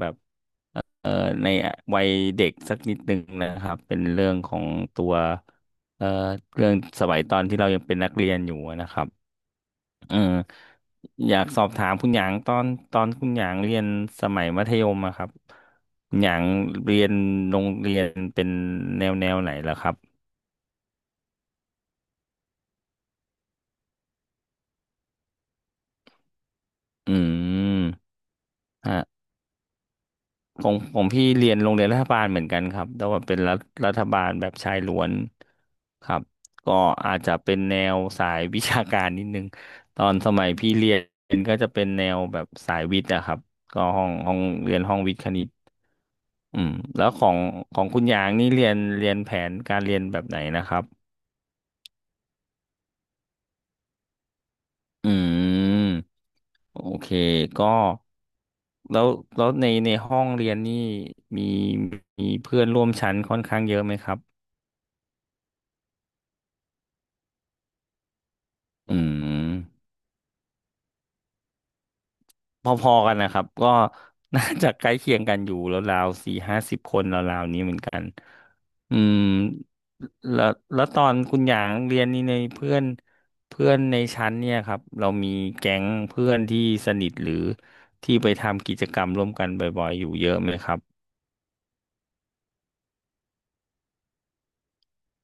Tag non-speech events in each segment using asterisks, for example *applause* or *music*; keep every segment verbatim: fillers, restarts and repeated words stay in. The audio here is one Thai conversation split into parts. แบบเอ่อในวัยเด็กสักนิดหนึ่งนะครับเป็นเรื่องของตัวเอ่อเรื่องสมัยตอนที่เรายังเป็นนักเรียนอยู่นะครับเอออยากสอบถามคุณหยางตอนตอนคุณหยางเรียนสมัยมัธยมอะครับคุณหยางเรียนโรงเรียนเป็นแนวแนวไหนล่ะครับอืมฮะ ของของพี่เรียนโรงเรียนรัฐบาลเหมือนกันครับแต่ว่าเป็นรัฐรัฐบาลแบบชายล้วนครับก็อาจจะเป็นแนวสายวิชาการนิดนึงตอนสมัยพี่เรียนก็จะเป็นแนวแบบสายวิทย์อะครับก็ห้องห้องเรียนห้องวิทย์คณิตอืมแล้วของของคุณยางนี่เรียนเรียนแผนการเรียนแบบไหนนะครับอืมโอเคก็แล้วแล้วในในห้องเรียนนี่มีมีเพื่อนร่วมชั้นค่อนข้างเยอะไหมครับอืม พอๆกันนะครับก็น่าจะใกล้เคียงกันอยู่แล้วราวสี่ห้าสิบคนราวๆนี้เหมือนกันอืมแล้วแล้วตอนคุณหยางเรียนนี่ในเพื่อนเพื่อนในชั้นเนี่ยครับเรามีแก๊งเพื่อนที่สนิทหรือที่ไปทำกิจกรรมร่วมกันบ่อยๆอยู่เยอะไหมครับ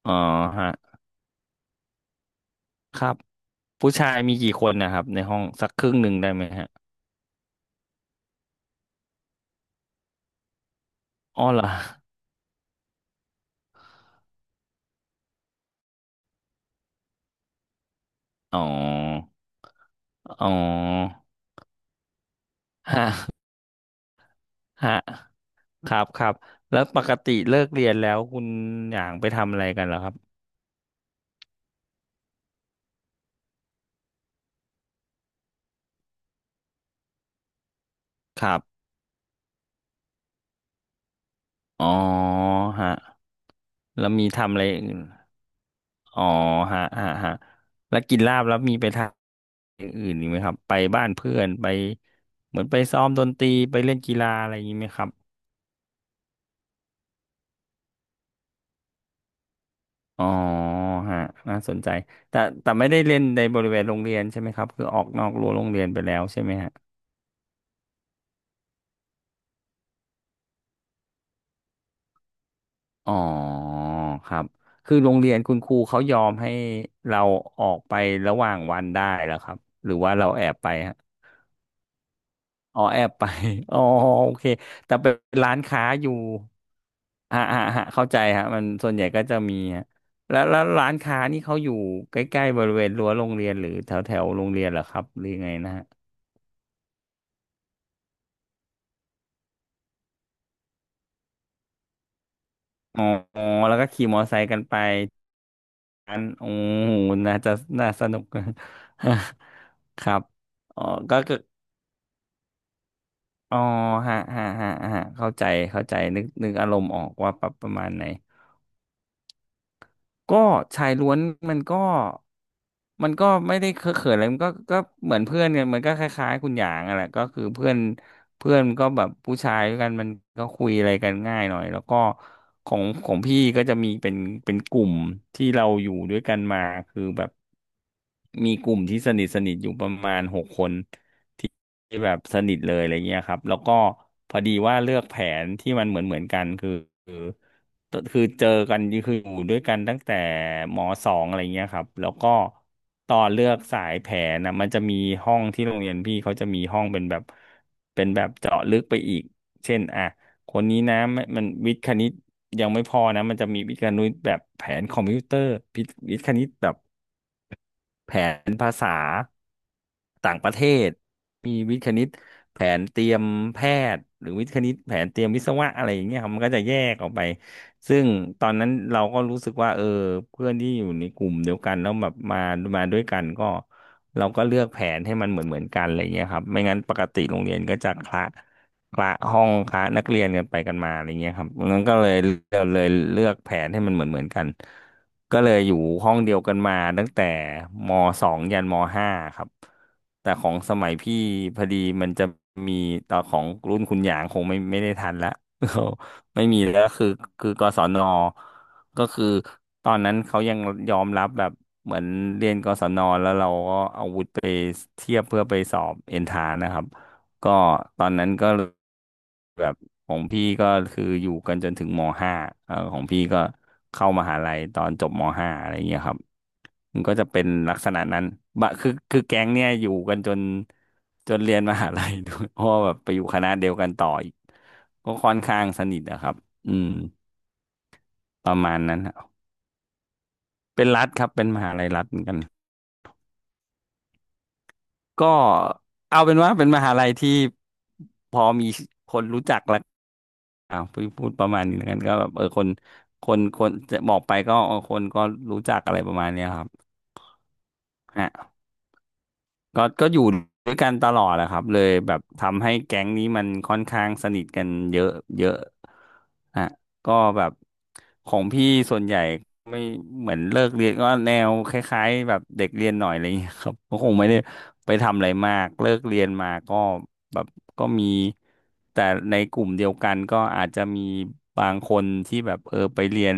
อ๋อฮะครับผู้ชายมีกี่คนนะครับในห้องสักครึ่งหนึ่งได้ไหมฮะอ๋อเหรออ๋ออ๋อฮะฮะ ครับครับแล้วปกติเลิกเรียนแล้วคุณหยางไปทำอะไรกันเหรอครับครับอ๋อฮะแล้วมีทำอะไรอื่นอ๋อฮะฮะฮะแล้วกินลาบแล้วมีไปทำอย่างอื่นอีกไหมครับไปบ้านเพื่อนไปเหมือนไปซ้อมดนตรีไปเล่นกีฬาอะไรอย่างนี้ไหมครับอ๋อฮะน่าสนใจแต่แต่ไม่ได้เล่นในบริเวณโรงเรียนใช่ไหมครับคือออกนอกรั้วโรงเรียนไปแล้วใช่ไหมฮะ อ๋อครับคือโรงเรียนคุณครูเขายอมให้เราออกไประหว่างวันได้แล้วครับหรือว่าเราแอบไปฮะอ๋อแอบไป *laughs* อ๋อโอเคแต่เป็นร้านค้าอยู่อ่าอ่าอ่าเข้าใจฮะมันส่วนใหญ่ก็จะมีฮะแล้วแล้วร้านค้านี่เขาอยู่ใกล้ๆบริเวณรั้วโรงเรียนหรือแถวแถวโรงเรียนเหรอครับหรือยังไงนะฮะอ๋อแล้วก็ขี่มอเตอร์ไซค์กันไปอันโอ้โหน่าจะน่าสนุก *laughs* ครับอ๋อก็คือ อ๋อฮะฮะฮะฮะเข้าใจเข้าใจนึกนึกอารมณ์ออกว่าปรับประมาณไหนก็ชายล้วนมันก็มันก็ไม่ได้เคอะเขินอะไรมันก็ก็เหมือนเพื่อนกันมันก็คล้ายๆคุณหยางอะแหละก็คือเพื่อนเพื่อนก็แบบผู้ชายด้วยกันมันก็คุยอะไรกันง่ายหน่อยแล้วก็ของของพี่ก็จะมีเป็นเป็นกลุ่มที่เราอยู่ด้วยกันมาคือแบบมีกลุ่มที่สนิทสนิทอยู่ประมาณหกคน ที่แบบสนิทเลยอะไรเงี้ยครับแล้วก็พอดีว่าเลือกแผนที่มันเหมือนเหมือนกันคือคือคือเจอกันคืออยู่ด้วยกันตั้งแต่มสองอะไรเงี้ยครับแล้วก็ตอนเลือกสายแผนนะมันจะมีห้องที่โรงเรียนพี่เขาจะมีห้องเป็นแบบเป็นแบบเจาะลึกไปอีกเช่นอ่ะคนนี้นะไม่มันวิทย์คณิตยังไม่พอนะมันจะมีวิทย์คณิตแบบแผนคอมพิวเตอร์วิทย์วิทย์คณิตแบบ แผนภาษาต่างประเทศมีวิทย์คณิตแผนเตรียมแพทย์หรือวิทย์คณิตแผนเตรียมวิศวะอะไรอย่างเงี้ยครับมันก็จะแยกออกไปซึ่งตอนนั้นเราก็รู้สึกว่าเออเพื่อนที่อยู่ในกลุ่มเดียวกันแล้วแบบมามาด้วยกันก็เราก็เลือกแผนให้มันเหมือนเหมือนกันอะไรเงี้ยครับไม่งั้นปกติโรงเรียนก็จะคละคละห้องคละนักเรียนกันไปกันมาอะไรเงี้ยครับงั้นก็เลยเราเลยเลือกแผนให้มันเหมือนเหมือนกัน ก็เลยอยู่ห้องเดียวกันมาตั้งแต่มสองยันมห้าครับแต่ของสมัยพี่พอดีมันจะมีตอนของรุ่นคุณหยางคงไม่ไม่ได้ทันละ *laughs* ไม่มีแล้วคือคือกศนก็คือตอนนั้นเขายังยอมรับแบบเหมือนเรียนกศนแล้วเราก็เอาวุธไปเทียบเพื่อไปสอบเอนทานะครับ ก็ตอนนั้นก็แบบของพี่ก็คืออยู่กันจนถึงมห้าเออของพี่ก็เข้ามหาลัยตอนจบมห้าอะไรเงี้ยครับมันก็จะเป็นลักษณะนั้นบะคือคือแก๊งเนี่ยอยู่กันจนจนเรียนมหาลัยด้วย *laughs* เพราะว่าแบบไปอยู่คณะเดียวกันต่ออีกก็ค่อนข้างสนิทนะครับอืมประมาณนั้นครับเป็นรัฐครับเป็นมหาลัยรัฐเหมือนกันก็เอาเป็นว่าเป็นมหาลัยที่พอมีคนรู้จัก อ่าพูดพูดประมาณนี้แล้วกันก็แบบเออคนคนคนจะบอกไปก็เออคนก็รู้จักอะไรประมาณเนี้ยครับฮะ ก็ก็อยู่ด้วยกันตลอดแหละครับเลยแบบทำให้แก๊งนี้มันค่อนข้างสนิทกันเยอะเยอะฮะก็แบบของพี่ส่วนใหญ่ไม่เหมือนเลิกเรียนก็แนวคล้ายๆแบบเด็กเรียนหน่อยอะไรอย่างเงี้ยครับ *laughs* ก็คงไม่ได้ไปทำอะไรมากเลิกเรียนมาก็แบบก็มีแต่ในกลุ่มเดียวกันก็อาจจะมีบางคนที่แบบเออไปเรียน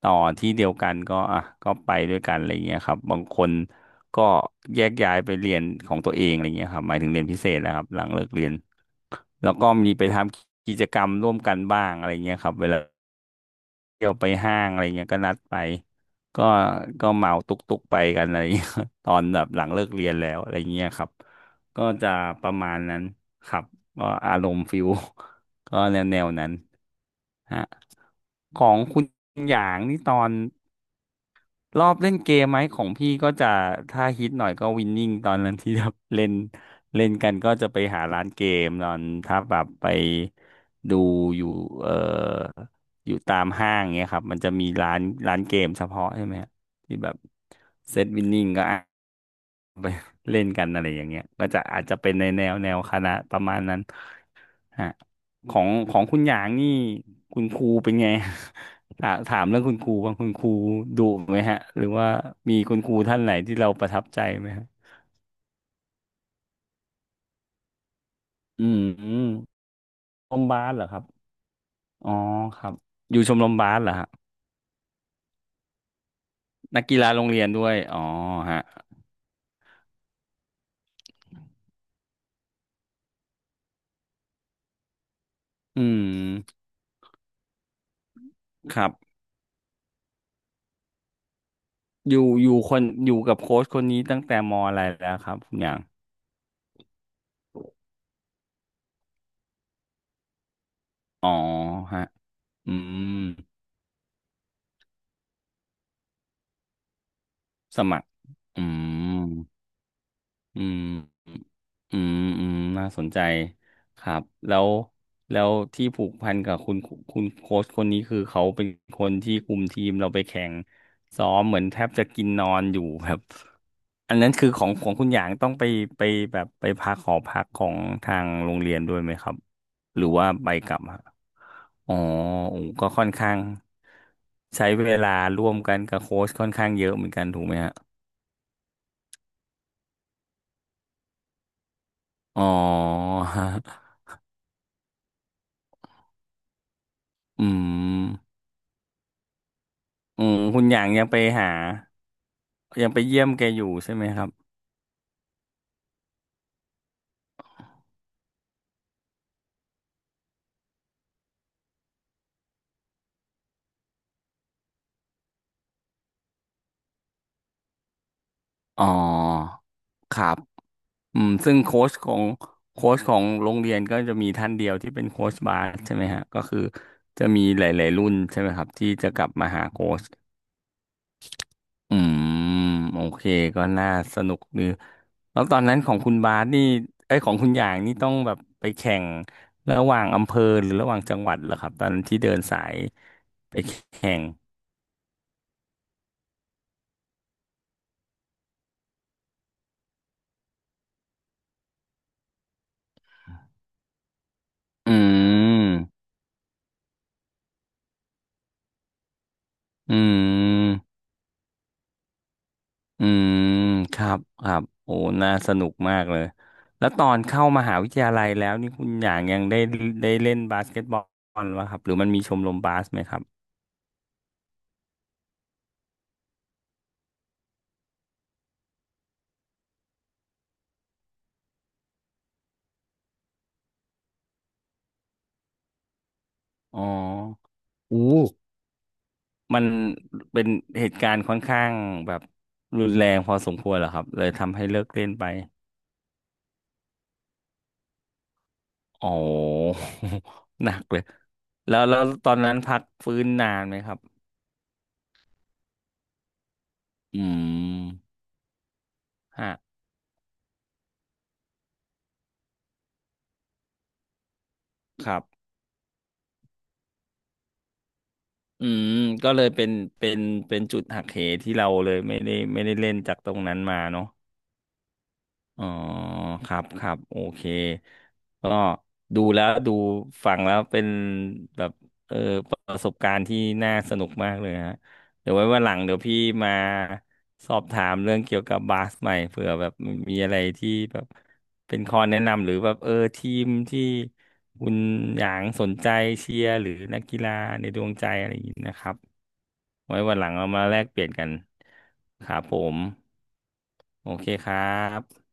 ต่อที่เดียวกันก็อ่ะก็ไปด้วยกันอะไรอย่างเงี้ยครับบางคน ก็แยกย้ายไปเรียนของตัวเองอะไรเงี้ยครับหมายถึงเรียนพิเศษนะครับหลังเลิกเรียนแล้วก็มีไปทำกิจกรรมร่วมกันบ้างอะไรเงี้ยครับเวลาเที่ยวไปห้างอะไรเงี้ยก็นัดไปก็ก็เหมาตุกตุกไปกันอะไรเงี้ย *laughs* ตอนแบบหลังเลิกเรียนแล้วอะไรเงี้ยครับก็จะประมาณนั้นครับก็อารมณ์ฟิล *laughs* ก็แนวแนวนั้นฮะของคุณหยางนี่ตอน รอบเล่นเกมไหมของพี่ก็จะถ้าฮิตหน่อยก็วินนิ่งตอนนั้นที่แบบเล่นเล่นกันก็จะไปหาร้านเกมตอนถ้าแบบไปดูอยู่เอ่ออยู่ตามห้างเงี้ยครับมันจะมีร้านร้านเกมเฉพาะใช่ไหมฮะที่แบบเซตวินนิ่งก็ ไปเล่นกันอะไรอย่างเงี้ยก็จะอาจจะเป็นในแนวแนวคณะประมาณนั้นฮะของของคุณหยางนี่คุณครูเป็นไง *laughs* ถามถามเรื่องคุณครูว่างคุณครูดุไหมฮะหรือว่ามีคุณครูท่านไหนที่เราประทับใจไหมฮะอืมชมรมบาสเหรอครับอ๋อครับอยู่ชมรมบาสเหรอฮะนักกีฬาโรงเรียนด้วยอ๋อฮะอืมครับอยู่อยู่คนอยู่กับโค้ชคนนี้ตั้งแต่มอะไรแล้วครับคุณหยางอ๋อฮะอืม สมัครอืมอืมอืมอืมน่าสนใจครับ แล้วแล้วที่ผูกพันกับคุณคุณโค้ชคนนี้คือเขาเป็นคนที่คุมทีมเราไปแข่งซ้อมเหมือนแทบจะกินนอนอยู่แบบ *laughs* อันนั้นคือของของคุณหยางต้องไปไปแบบไปพักหอพักของทางโรงเรียนด้วยไหมครับ หรือว่าไปกลับฮะอ๋อโอ้ก็ค่อนข้างใช้เวลาร่วมกันกับโค้ชค่อนข้างเยอะเหมือนกันถูกไหมฮะ อ๋อ *laughs* อืมอืมคุณหยางยังไปหายังไปเยี่ยมแกอยู่ใช่ไหมครับอ๋อครับอืมซึ่งโค้ชของโค้ชของโรงเรียนก็จะมีท่านเดียวที่เป็นโค้ชบาสใช่ไหมฮะก็คือจะมีหลายๆรุ่นใช่ไหมครับที่จะกลับมาหาโค้ช อืมโอเคก็น่าสนุกดีแล้วตอนนั้นของคุณบาสนี่ไอ้ยของคุณอย่างนี่ต้องแบบไปแข่งระหว่างอำเภอหรือระหว่างจังหวัดเหรอครับตอนที่เดินสายไปแข่งอืมอืมอืมครับครับโอ้น่าสนุกมากเลยแล้วตอนเข้ามหาวิทยาลัยแล้วนี่คุณอย่างยังได้ได้เล่นบาสเกตบอลวะครับหรือมันมีชมรมบาสไหมครับอ๋ออู้ มันเป็นเหตุการณ์ค่อนข้างแบบรุนแรงพอสมควรเหรอครับเลยทำให้เลิกเล่นไปอ๋อ *laughs* หนักเลยแล้วแล้วตอนนั้นพักฟื้นนานไหมครับ อืมฮะครับ อืม ก็เลยเป็นเป็นเป็นจุดหักเหที่เราเลยไม่ได้ไม่ได้เล่นจากตรงนั้นมาเนาะ อ๋อครับ ครับ โอเค ก็ดูแล้วดูฟังแล้วเป็นแบบเออประสบการณ์ที่น่าสนุกมากเลยฮะเดี๋ยวไว้วันหลังเดี๋ยวพี่มาสอบถามเรื่องเกี่ยวกับบาสใหม่เผื่อแบบมีอะไรที่แบบเป็นข้อแนะนำหรือแบบเออทีมที่คุณหยางสนใจเชียร์หรือนักกีฬาในดวงใจอะไรอย่างนี้นะครับ ไว้วันหลังเรามาแลกเปลี่ยนกันครับผมโอเคครับ